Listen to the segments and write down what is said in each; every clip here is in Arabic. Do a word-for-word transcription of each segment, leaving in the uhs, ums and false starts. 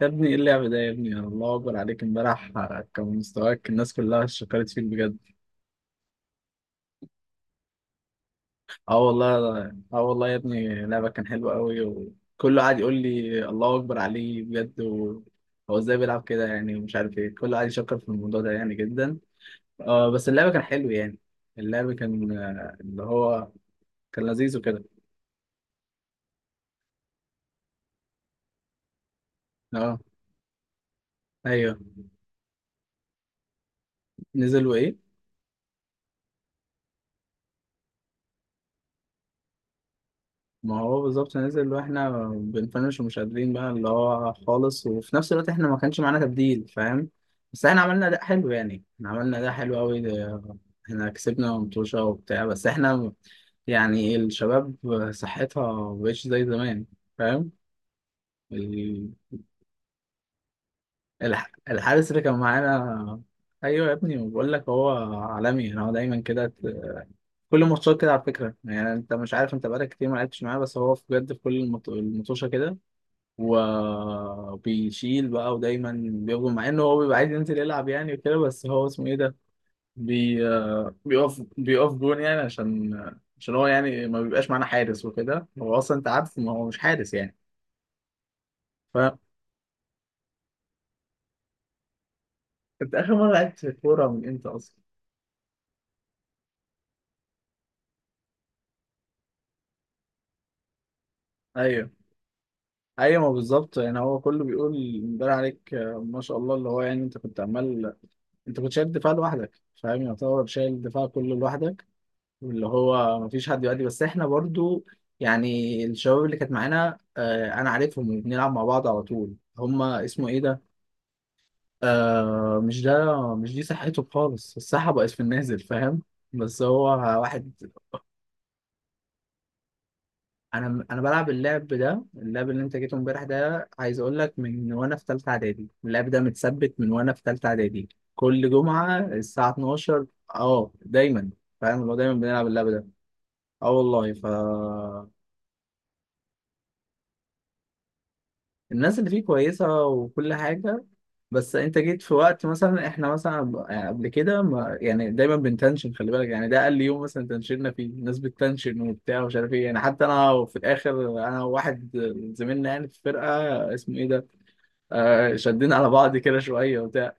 يا ابني، ايه اللعب ده؟ يا ابني الله اكبر عليك. امبارح كان مستواك، الناس كلها شكرت فيك بجد. اه والله. اه والله يا ابني، لعبك كان حلو قوي وكله قاعد يقول لي الله اكبر عليه بجد و... هو ازاي بيلعب كده يعني، ومش عارف ايه، كله قاعد يشكر في الموضوع ده يعني جدا. اه بس اللعب كان حلو يعني. اللعب كان آه، اللي هو كان لذيذ وكده. اه. ايوه. نزل وايه؟ ما هو بالظبط نزل واحنا بنفنش ومش قادرين بقى اللي هو خالص، وفي نفس الوقت احنا ما كانش معانا تبديل، فاهم؟ بس احنا عملنا اداء حلو، يعني احنا عملنا اداء حلو قوي. احنا كسبنا متوشة وبتاع، بس احنا يعني الشباب صحتها مبقتش زي زمان، فاهم؟ ال- الح- الحارس اللي كان معانا. ايوه يا ابني، بقول لك هو عالمي انا، هو دايما كده، ت- كل ماتشات كده على فكره، يعني انت مش عارف، انت بقالك كتير ما لعبتش معاه، بس هو بجد في كل المط- المطوشه كده وبيشيل بقى، ودايما بيقف مع انه هو بيبقى عايز ينزل يلعب يعني وكده. بس هو اسمه ايه ده، بي آه، بيقف بيقف جون يعني، عشان عشان هو يعني ما بيبقاش معانا حارس وكده، هو اصلا انت عارف ما هو مش حارس يعني. فانت، اخر مره لعبت في الكوره من امتى اصلا؟ ايوه. ايوه، ما بالظبط يعني هو كله بيقول، امبارح عليك آه، ما شاء الله، اللي هو يعني انت كنت عمال، انت كنت شايل الدفاع لوحدك، فاهم؟ يعتبر شايل الدفاع كله لوحدك، اللي هو مفيش حد يؤدي، بس احنا برضو يعني الشباب اللي كانت معانا، آه انا عارفهم بنلعب مع بعض على طول، هما اسمه ايه ده، آه مش ده، مش دي صحته خالص، الصحة بقت في النازل، فاهم؟ بس هو واحد. انا انا بلعب اللعب ده، اللعب اللي انت جيته امبارح ده، عايز اقول لك من وانا في ثالثة اعدادي، اللعب ده متثبت من وانا في ثالثة اعدادي، كل جمعة الساعة اتناشر. اه دايما، فاهم؟ اللي هو دايما بنلعب اللعب ده. اه والله، ف الناس اللي فيه كويسة وكل حاجة. بس انت جيت في وقت، مثلا احنا مثلا قب- قبل كده، ما يعني دايما بنتنشن، خلي بالك يعني، ده اقل يوم مثلا تنشننا فيه، الناس بتتنشن وبتاع ومش عارف ايه يعني. حتى انا في الاخر، انا وواحد زميلنا يعني في الفرقة، اسمه ايه ده، آه شدينا على بعض كده شوية وبتاع.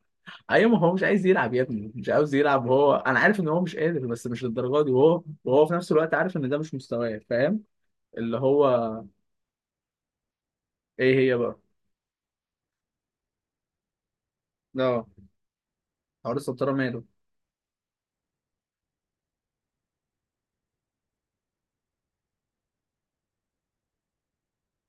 ايوه، ما هو مش عايز يلعب يا ابني، مش عاوز يلعب هو، انا عارف ان هو مش قادر بس مش للدرجة دي، وهو وهو في نفس الوقت عارف ان ده مش مستواه، فاهم؟ اللي هو، ايه هي بقى؟ اه، حوار السبترة ماله؟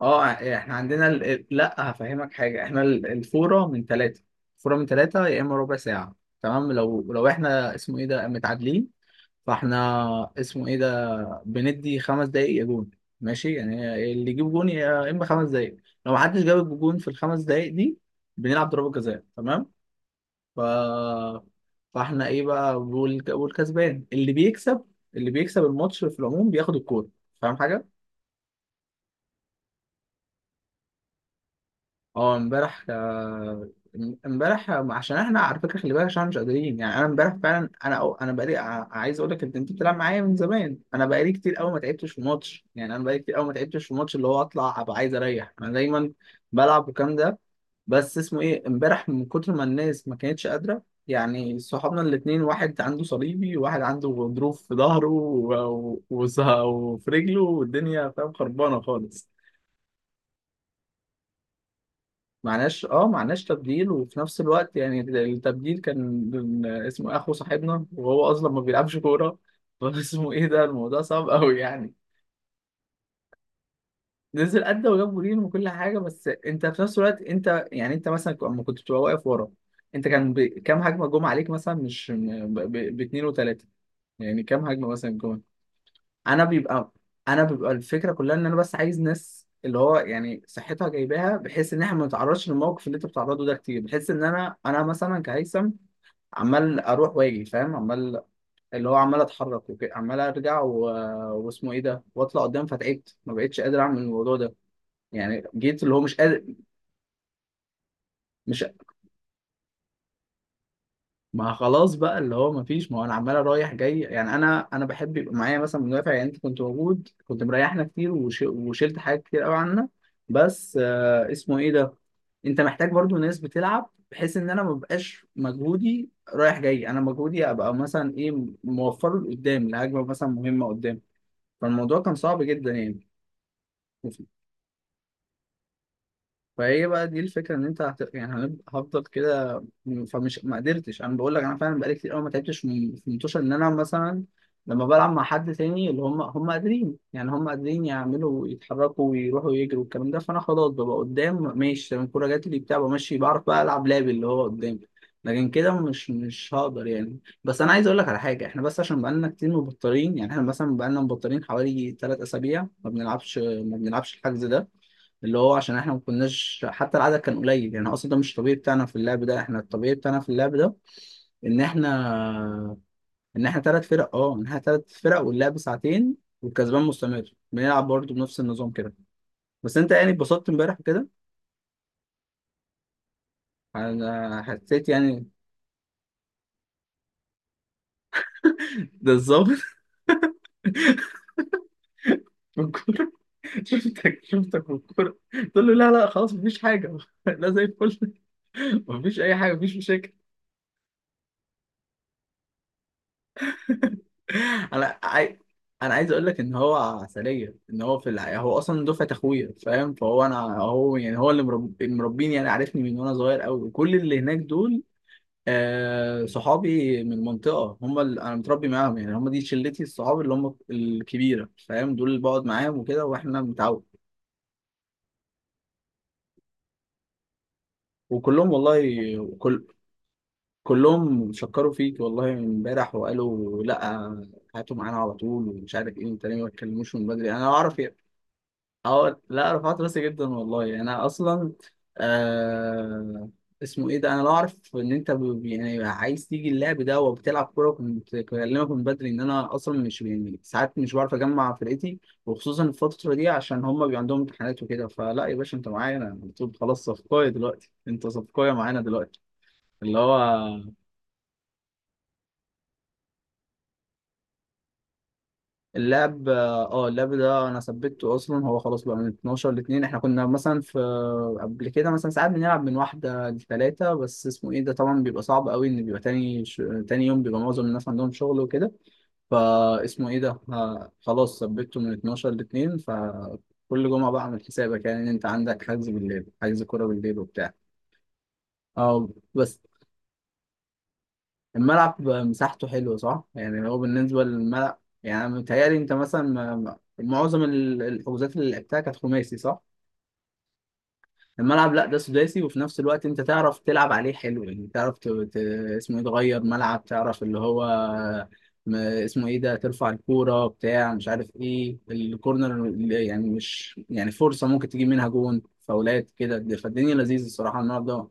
اه، احنا عندنا ال... ال- لا هفهمك حاجه، احنا ال- الفوره من ثلاثه، الفوره من ثلاثه يا اما ربع ساعه. تمام، لو لو احنا اسمه ايه ده متعادلين، فاحنا اسمه ايه ده بندي خمس دقايق يا جون، ماشي؟ يعني اللي يجيب جون يا اما خمس دقايق، لو محدش جاب جون في الخمس دقايق دي بنلعب ضربه جزاء، تمام؟ ف فاحنا ايه بقى، والك- والكسبان اللي بيكسب، اللي بيكسب الماتش في العموم بياخد الكوره، فاهم حاجه؟ اه امبارح. آه، امبارح عشان احنا على فكره، خلي بالك عشان احنا مش قادرين يعني، انا امبارح فعلا انا أو انا بقالي، ع- عايز اقول لك، انت انت بتلعب معايا من زمان، انا بقالي كتير قوي ما تعبتش في ماتش، يعني انا بقالي كتير قوي ما تعبتش في ماتش، اللي هو اطلع ابقى عايز اريح، انا دايما بلعب والكلام ده. بس اسمه ايه، امبارح من كتر ما الناس ما كانتش قادره، يعني صحابنا الاثنين، واحد عنده صليبي، وواحد عنده غضروف في ظهره و- و- وص- وفي رجله، والدنيا فاهم خربانه خالص. معناش، اه معناش تبديل، وفي نفس الوقت يعني التبديل كان اسمه إيه، اخو صاحبنا وهو اصلا ما بيلعبش كوره فاسمه ايه ده، الموضوع صعب قوي يعني. نزل ادى وجاب جولين وكل حاجه، بس انت في نفس الوقت انت يعني، انت مثلا لما كنت بتبقى واقف ورا، انت كان ب... كام هجمه جم عليك مثلا؟ مش ب... ب... باتنين وتلاته، يعني كام هجمه مثلا جم؟ انا بيبقى انا بيبقى الفكره كلها ان انا بس عايز ناس اللي هو يعني صحتها جايباها، بحيث ان احنا ما نتعرضش للموقف اللي انت بتعرضه ده كتير، بحيث ان انا انا مثلا كهيثم عمال اروح واجي، فاهم؟ عمال، اللي هو عمال اتحرك وكده، عمال ارجع و... واسمه ايه ده، واطلع قدام، فتعبت، ما بقتش قادر اعمل الموضوع ده، يعني جيت اللي هو مش قادر. مش، ما خلاص بقى اللي هو ما فيش، ما هو انا عمال رايح جاي يعني، انا انا بحب يبقى معايا مثلا مدافع، يعني انت كنت موجود، كنت مريحنا كتير، وش- وشلت حاجات كتير قوي عنا، بس آه اسمه ايه ده، انت محتاج برضو ناس بتلعب، بحيث ان انا ما بقاش مجهودي رايح جاي، انا مجهودي ابقى مثلا ايه، موفره لقدام لهجمه مثلا مهمه قدام، فالموضوع كان صعب جدا يعني. فهي بقى دي الفكره، ان انت هت... يعني هن- هفضل كده. م- فمش، ما قدرتش، انا بقول لك انا فعلا بقالي كتير قوي ما تعبتش في في منتوشه، ان انا مثلا لما بلعب مع حد تاني، اللي هم هم قادرين يعني، هم قادرين يعملوا، يتحركوا ويروحوا يجروا والكلام ده، فانا خلاص ببقى قدام، ماشي تمام، الكوره جات لي بتاع، بمشي، بعرف بقى العب لعب اللي هو قدامي، لكن كده مش مش هقدر يعني. بس انا عايز اقول لك على حاجه، احنا بس عشان بقالنا كتير مبطلين يعني، احنا مثلا بقالنا مبطلين حوالي ثلاث اسابيع ما بنلعبش، ما بنلعبش الحجز ده اللي هو، عشان احنا ما كناش، حتى العدد كان قليل يعني، اصلا ده مش الطبيعي بتاعنا في اللعب ده، احنا الطبيعي بتاعنا في اللعب ده ان احنا، ان احنا ثلاث فرق، اه، ان احنا ثلاث فرق واللعب ساعتين، والكسبان مستمر، بنلعب برضه بنفس النظام كده. بس انت يعني اتبسطت امبارح كده. انا حسيت يعني، ده الظابط بالكوره، شفتك شفتك بالكوره، تقول له لا لا خلاص مفيش حاجه لا زي الفل. مفيش اي حاجه، مفيش مشاكل. انا عاي... انا عايز اقول لك ان هو عسليه، ان هو في الحقيقه هو اصلا دفعه اخويا، فاهم؟ فهو انا، هو يعني هو اللي مرب... مربيني يعني، عارفني من وانا صغير قوي، وكل اللي هناك دول، آه صحابي من المنطقه، هم اللي انا متربي معاهم يعني، هم دي شلتي الصحاب اللي هم الكبيره، فاهم؟ دول اللي بقعد معاهم وكده، واحنا متعود. وكلهم والله، كل كلهم شكروا فيك والله امبارح وقالوا لا، هاتوا معانا على طول، ومش عارف ايه، انت ليه ما تكلموش من بدري؟ انا اعرف. اه لا، رفعت راسي جدا والله، انا اصلا آه اسمه ايه ده، انا لو اعرف ان انت ب- يعني عايز تيجي اللعب ده وبتلعب كوره، كنت بكلمك من بدري، ان انا اصلا مش، يعني ساعات مش بعرف اجمع فرقتي، وخصوصا الفتره دي عشان هم بيبقى عندهم امتحانات وكده. فلا يا باشا، انت معايا انا على طول خلاص، صفقايه دلوقتي انت، صفقايه معانا دلوقتي. اللي هو اللاب اه اللاب ده انا ثبته اصلا، هو خلاص بقى من اتناشر ل اتنين، احنا كنا مثلا في، قبل كده مثلا ساعات بنلعب من واحده لثلاثه، بس اسمه ايه ده، طبعا بيبقى صعب قوي ان بيبقى تاني ش... تاني يوم بيبقى معظم الناس عندهم شغل وكده. فاسمه ايه ده، ه- خلاص ثبته من اتناشر ل اتنين، فكل جمعه بقى اعمل حسابك، يعني ان انت عندك حجز بالليل، حجز كوره بالليل وبتاع. اه بس الملعب مساحته حلوة، صح؟ يعني هو بالنسبة للملعب، يعني أنا متهيألي أنت مثلا، ما- ما- معظم ال- الحجوزات اللي لعبتها كانت خماسي، صح؟ الملعب لا، ده سداسي، وفي نفس الوقت أنت تعرف تلعب عليه حلو يعني، تعرف ت... ت... اسمه إيه، تغير ملعب، تعرف اللي هو، م- اسمه إيه ده، ترفع الكورة بتاع، مش عارف إيه، الكورنر اللي يعني مش يعني فرصة ممكن تجيب منها جون، فاولات كده، فالدنيا لذيذة الصراحة الملعب ده.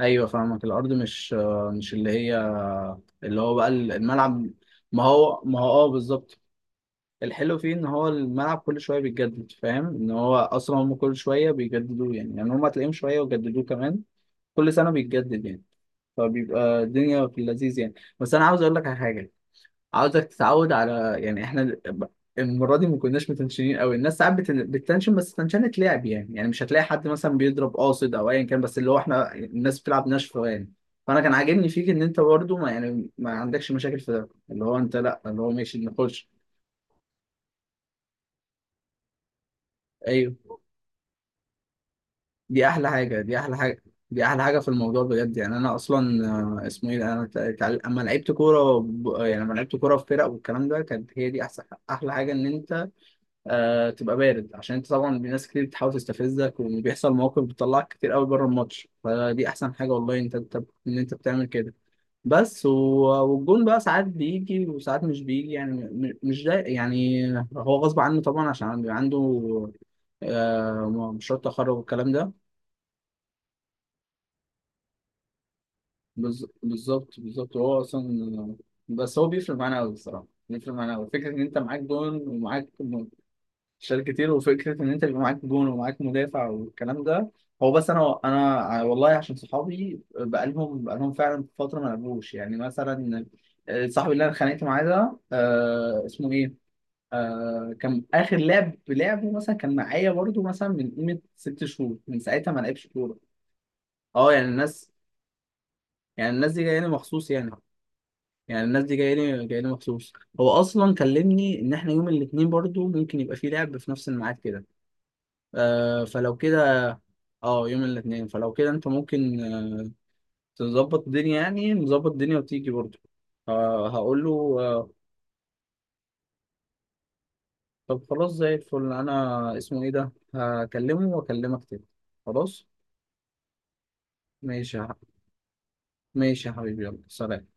ايوه فاهمك، الارض مش، مش اللي هي، اللي هو بقى الملعب. ما هو، ما هو اه بالظبط. الحلو فيه ان هو الملعب كل شويه بيتجدد، فاهم؟ ان هو اصلا هم كل شويه بيجددوه يعني، يعني هم هتلاقيهم شويه وجددوه كمان، كل سنه بيتجدد يعني، فبيبقى الدنيا في اللذيذ يعني. بس انا عاوز اقول لك على حاجه، عاوزك تتعود على يعني، احنا ب- المره دي ما كناش متنشنين قوي، الناس ساعات بت- بتتنشن، بس تنشنة لعب يعني، يعني مش هتلاقي حد مثلا بيضرب قاصد او ايا كان، بس اللي هو احنا الناس بتلعب ناشفه يعني. فانا كان عاجبني فيك ان انت برضه ما، يعني ما عندكش مشاكل في ده، اللي هو انت لا، اللي هو ماشي نخش. ايوه، دي احلى حاجه، دي احلى حاجه، دي احلى حاجه في الموضوع بجد يعني. انا اصلا آه، اسمه ايه ده؟ انا تع- تع- اما لعبت كوره وب- يعني لما لعبت كوره في فرق والكلام ده، كانت هي دي احسن، احلى حاجه ان انت آه تبقى بارد، عشان انت طبعا، ناس كتير بتحاول تستفزك، وبيحصل مواقف بتطلعك كتير قوي بره الماتش، فدي احسن حاجه والله انت، انت ان انت بتعمل كده. بس و- والجون بقى ساعات بيجي وساعات مش بيجي يعني، م- م- مش ده يعني، هو غصب عنه طبعا عشان بيبقى عنده آه، مشروع تخرج والكلام ده. بز- بالظبط، بالظبط، هو اصلا، بس هو بيفرق معانا قوي الصراحه، بيفرق معانا قوي فكره ان انت معاك جون ومعاك، شال كتير، وفكره ان انت بيبقى معاك جون ومعاك مدافع والكلام ده. هو بس، انا انا والله عشان صحابي بقالهم بقالهم فعلا فتره ما لعبوش يعني، مثلا صاحبي اللي انا اتخانقت معاه ده، آه اسمه ايه، آه كان اخر لعب لعبه مثلا، كان معايا برضو مثلا من قيمه ست شهور، من ساعتها ما لعبش كوره. اه يعني الناس، يعني الناس دي جايه لي مخصوص يعني، يعني الناس دي جايه لي جايه لي مخصوص. هو اصلا كلمني ان احنا يوم الاثنين برضو ممكن يبقى في لعب في نفس الميعاد كده، آه فلو كده، اه يوم الاثنين، فلو كده انت ممكن آه، تظبط الدنيا يعني، نظبط الدنيا وتيجي برضه. آه هقول له. آه طب خلاص زي الفل، انا اسمه ايه ده، هكلمه واكلمك تاني. خلاص. ماشي يا ح- ماشي يا حبيبي، يلا سلام.